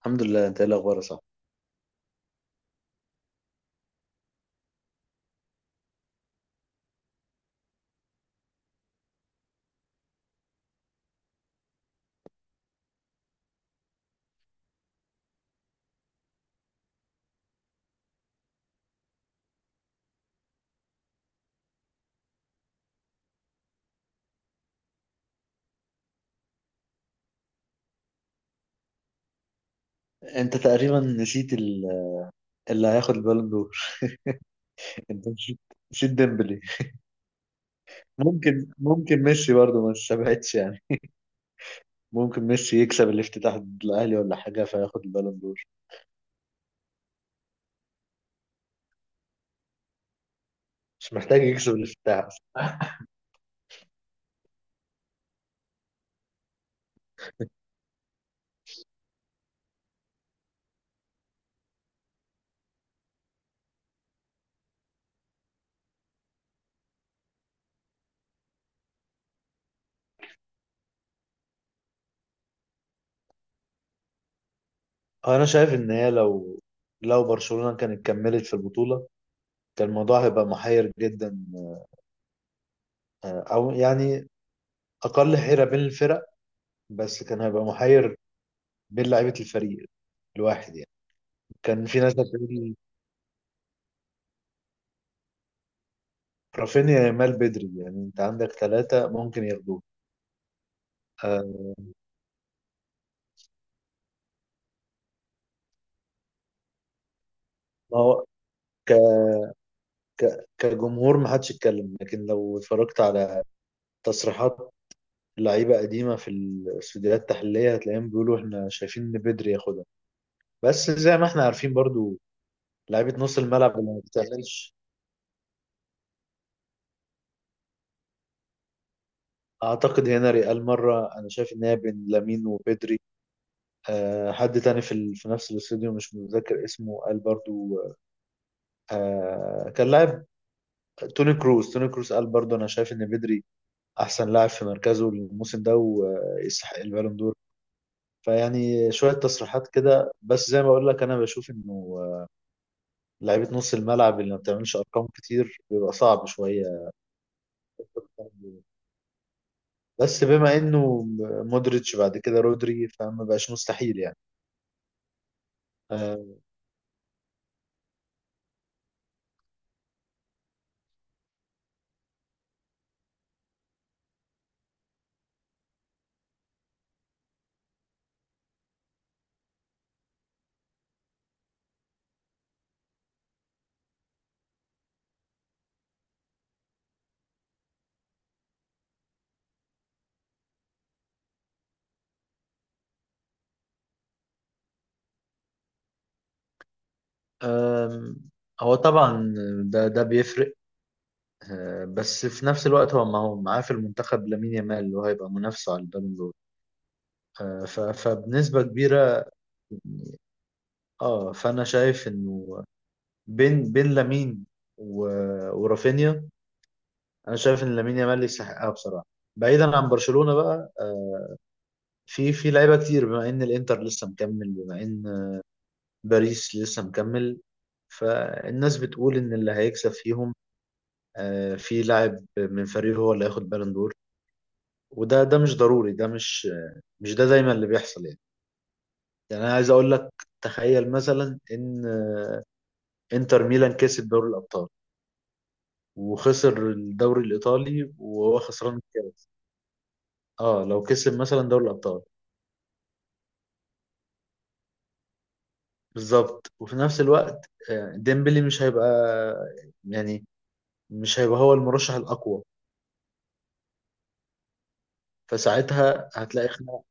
الحمد لله. انت ايه الاخبار؟ صح، انت تقريبا نسيت اللي هياخد البالون دور. انت نسيت نسيت ديمبلي. ممكن ميسي برضه ما استبعدش يعني. ممكن ميسي يكسب الافتتاح ضد الاهلي ولا حاجه فياخد البالون دور. مش محتاج يكسب الافتتاح اصلا. هو انا شايف ان هي لو برشلونه كانت كملت في البطوله كان الموضوع هيبقى محير جدا، او يعني اقل حيره بين الفرق، بس كان هيبقى محير بين لعيبه الفريق الواحد يعني. كان في ناس هتقول رافينيا، يامال، بدري، يعني انت عندك ثلاثة ممكن ياخدوه. آه، ما هو ك... كجمهور ما حدش يتكلم، لكن لو اتفرجت على تصريحات لعيبة قديمة في الاستوديوهات التحليلية هتلاقيهم بيقولوا احنا شايفين ان بدري ياخدها. بس زي ما احنا عارفين برضو لعيبة نص الملعب اللي ما بتعملش. اعتقد هنا ريال مرة انا شايف ان هي بين لامين وبدري. أه، حد تاني في نفس الاستوديو مش متذكر اسمه قال برضو، أه كان لاعب، توني كروس قال برضو انا شايف ان بدري احسن لاعب في مركزه الموسم ده ويستحق البالون دور. فيعني شويه تصريحات كده، بس زي ما بقول لك انا بشوف انه لعيبه نص الملعب اللي ما بتعملش ارقام كتير بيبقى صعب شويه. بس بما انه مودريتش بعد كده رودري فما بقاش مستحيل يعني. أم، آم، هو طبعا ده بيفرق. أه، بس في نفس الوقت هو ما هو معاه في المنتخب لامين يامال اللي هو هيبقى منافسه على البالون دور. أه، فبنسبه كبيره. اه فانا شايف انه بين لامين و... ورافينيا. انا شايف ان لامين يامال يستحقها بصراحه، بعيدا عن برشلونه بقى. آه، في لعيبه كتير بما ان الانتر لسه مكمل، بما ان باريس لسه مكمل. فالناس بتقول ان اللي هيكسب فيهم، آه، في لاعب من فريقه هو اللي هياخد بالون دور. وده مش ضروري، ده مش دايما اللي بيحصل يعني. يعني انا عايز اقول لك، تخيل مثلا ان انتر ميلان كسب دوري الابطال وخسر الدوري الايطالي وهو خسران. اه لو كسب مثلا دوري الابطال. بالظبط، وفي نفس الوقت آه، ديمبلي مش هيبقى يعني مش هيبقى هو المرشح الاقوى، فساعتها هتلاقي خناقه.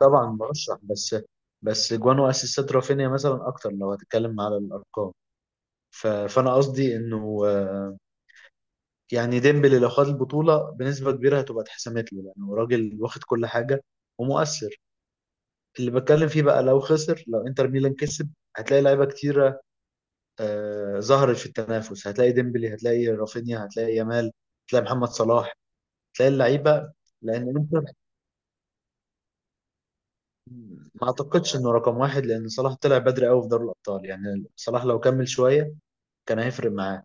طبعا مرشح، بس بس جوان واسيستات رافينيا مثلا اكتر لو هتتكلم على الارقام. فانا قصدي انه، آه، يعني ديمبلي لو خد البطوله بنسبه كبيره هتبقى اتحسمت له، لانه راجل واخد كل حاجه ومؤثر. اللي بتكلم فيه بقى لو خسر، لو انتر ميلان كسب هتلاقي لعيبه كتير آه، ظهرت في التنافس. هتلاقي ديمبلي، هتلاقي رافينيا، هتلاقي يامال، هتلاقي محمد صلاح، هتلاقي اللعيبه. لان انت، ما اعتقدش انه رقم واحد، لان صلاح طلع بدري قوي في دوري الابطال. يعني صلاح لو كمل شويه كان هيفرق معاه.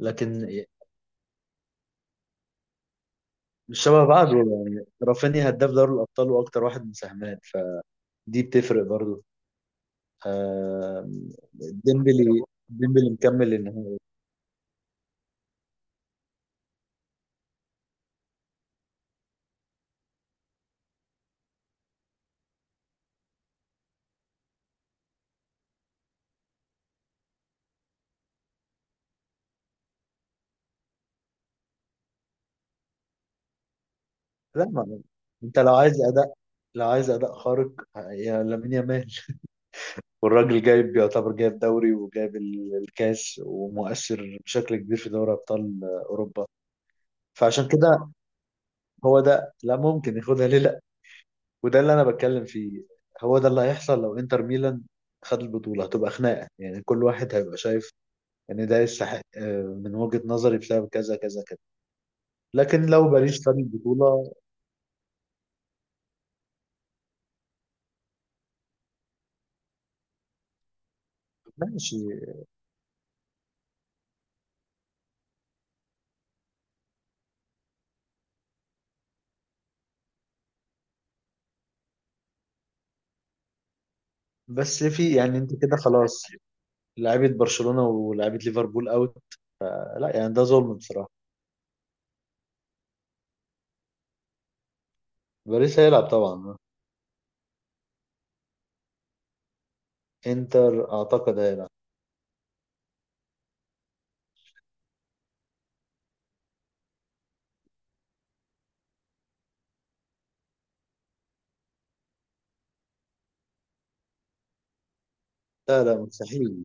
لكن مش شبه بعض يعني، رافينيا هداف دوري الابطال واكتر واحد مساهمات، فدي بتفرق برضو. آه، ديمبلي ديمبلي مكمل النهائي. لا، ما انت لو عايز اداء خارق يا لامين يامال. والراجل جايب يعتبر جايب دوري وجايب الكاس ومؤثر بشكل كبير في دوري ابطال اوروبا. فعشان كده هو ده، لا ممكن ياخدها ليه، لا. وده اللي انا بتكلم فيه، هو ده اللي هيحصل لو انتر ميلان خد البطوله. هتبقى خناقه يعني، كل واحد هيبقى شايف ان ده يستحق آه، من وجهه نظري بسبب كذا كذا كذا. لكن لو باريس خد البطوله، ماشي. بس في يعني انت كده خلاص، لعيبه برشلونه ولعيبه ليفربول اوت، لا يعني ده ظلم بصراحه. باريس هيلعب طبعا، انتر اعتقد هيلعب. لا لا مستحيل.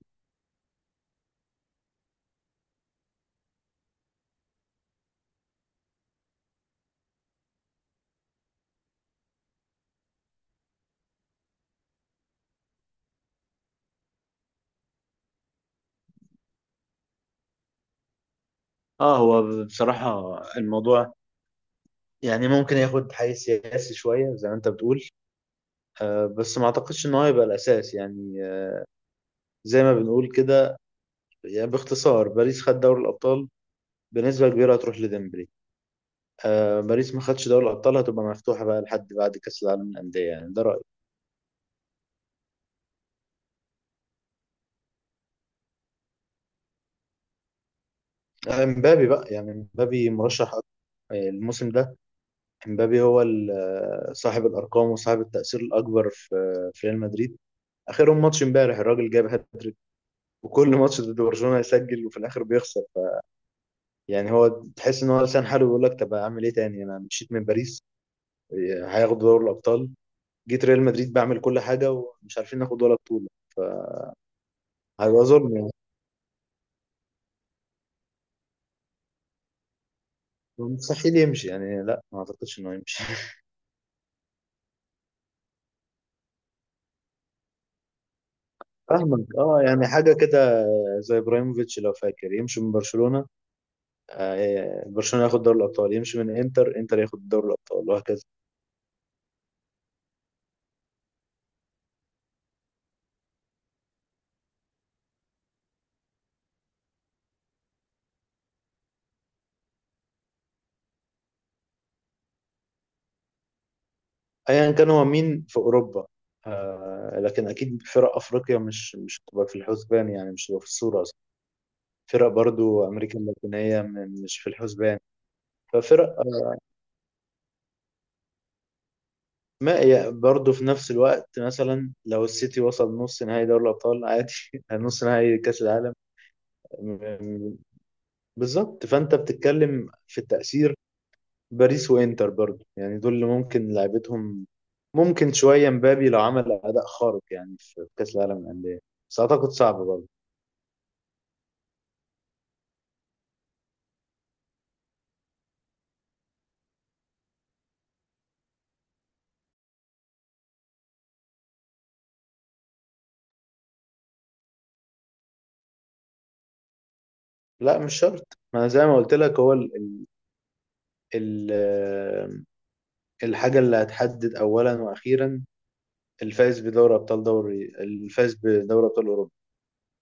اه هو بصراحة الموضوع يعني ممكن ياخد حيز سياسي شوية زي ما انت بتقول، آه بس ما اعتقدش ان هو هيبقى الاساس يعني. آه زي ما بنقول كده، يعني باختصار باريس خد دوري الابطال بنسبة كبيرة هتروح لديمبلي. آه باريس ما خدش دوري الابطال هتبقى مفتوحة بقى لحد بعد كاس العالم للأندية، يعني ده رأيي. آه، امبابي بقى يعني امبابي مرشح أكتر. آه، الموسم ده امبابي هو آه، صاحب الارقام وصاحب التأثير الاكبر في ريال مدريد. اخرهم ماتش امبارح الراجل جاب هاتريك، وكل ماتش ضد برشلونه يسجل وفي الاخر بيخسر يعني هو تحس ان هو لسان حاله بيقول لك طب اعمل ايه تاني؟ انا مشيت من باريس هياخد دوري الابطال، جيت ريال مدريد بعمل كل حاجه ومش عارفين ناخد ولا بطوله، فهيبقى ظلم يعني. مستحيل يمشي يعني، لا ما اعتقدش انه يمشي. فاهمك، اه يعني حاجه كده زي ابراهيموفيتش لو فاكر، يمشي من برشلونه آه، برشلونه ياخد دوري الابطال، يمشي من انتر، انتر ياخد دوري الابطال، وهكذا. ايا كان هو مين في اوروبا. آه لكن اكيد فرق افريقيا مش هتبقى في الحسبان يعني، مش هتبقى في الصوره اصلا. فرق برضو امريكا اللاتينيه مش في الحسبان. ففرق آه، ما يعني برضو في نفس الوقت مثلا لو السيتي وصل نص نهائي دوري الابطال عادي، نص نهائي كاس العالم. م- م- بالظبط، فانت بتتكلم في التاثير. باريس وانتر برضو يعني دول اللي ممكن لعبتهم، ممكن شويه مبابي لو عمل اداء خارق يعني في كاس العالم للانديه، بس اعتقد صعب برضو. لا مش شرط، ما انا زي ما قلت لك هو ال ال- الحاجه اللي هتحدد اولا واخيرا الفائز بدوري ابطال، الفائز بدوري ابطال اوروبا.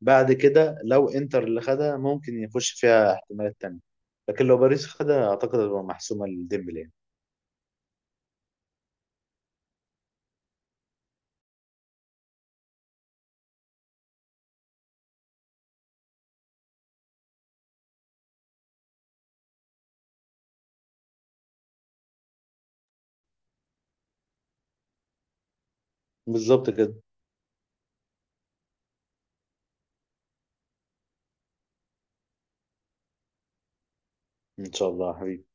بعد كده لو انتر اللي خدها ممكن يخش فيها احتمالات تانية، لكن لو باريس خدها اعتقد هتبقى محسومه لديمبلي يعني. بالظبط كده. ان شاء الله يا حبيبي.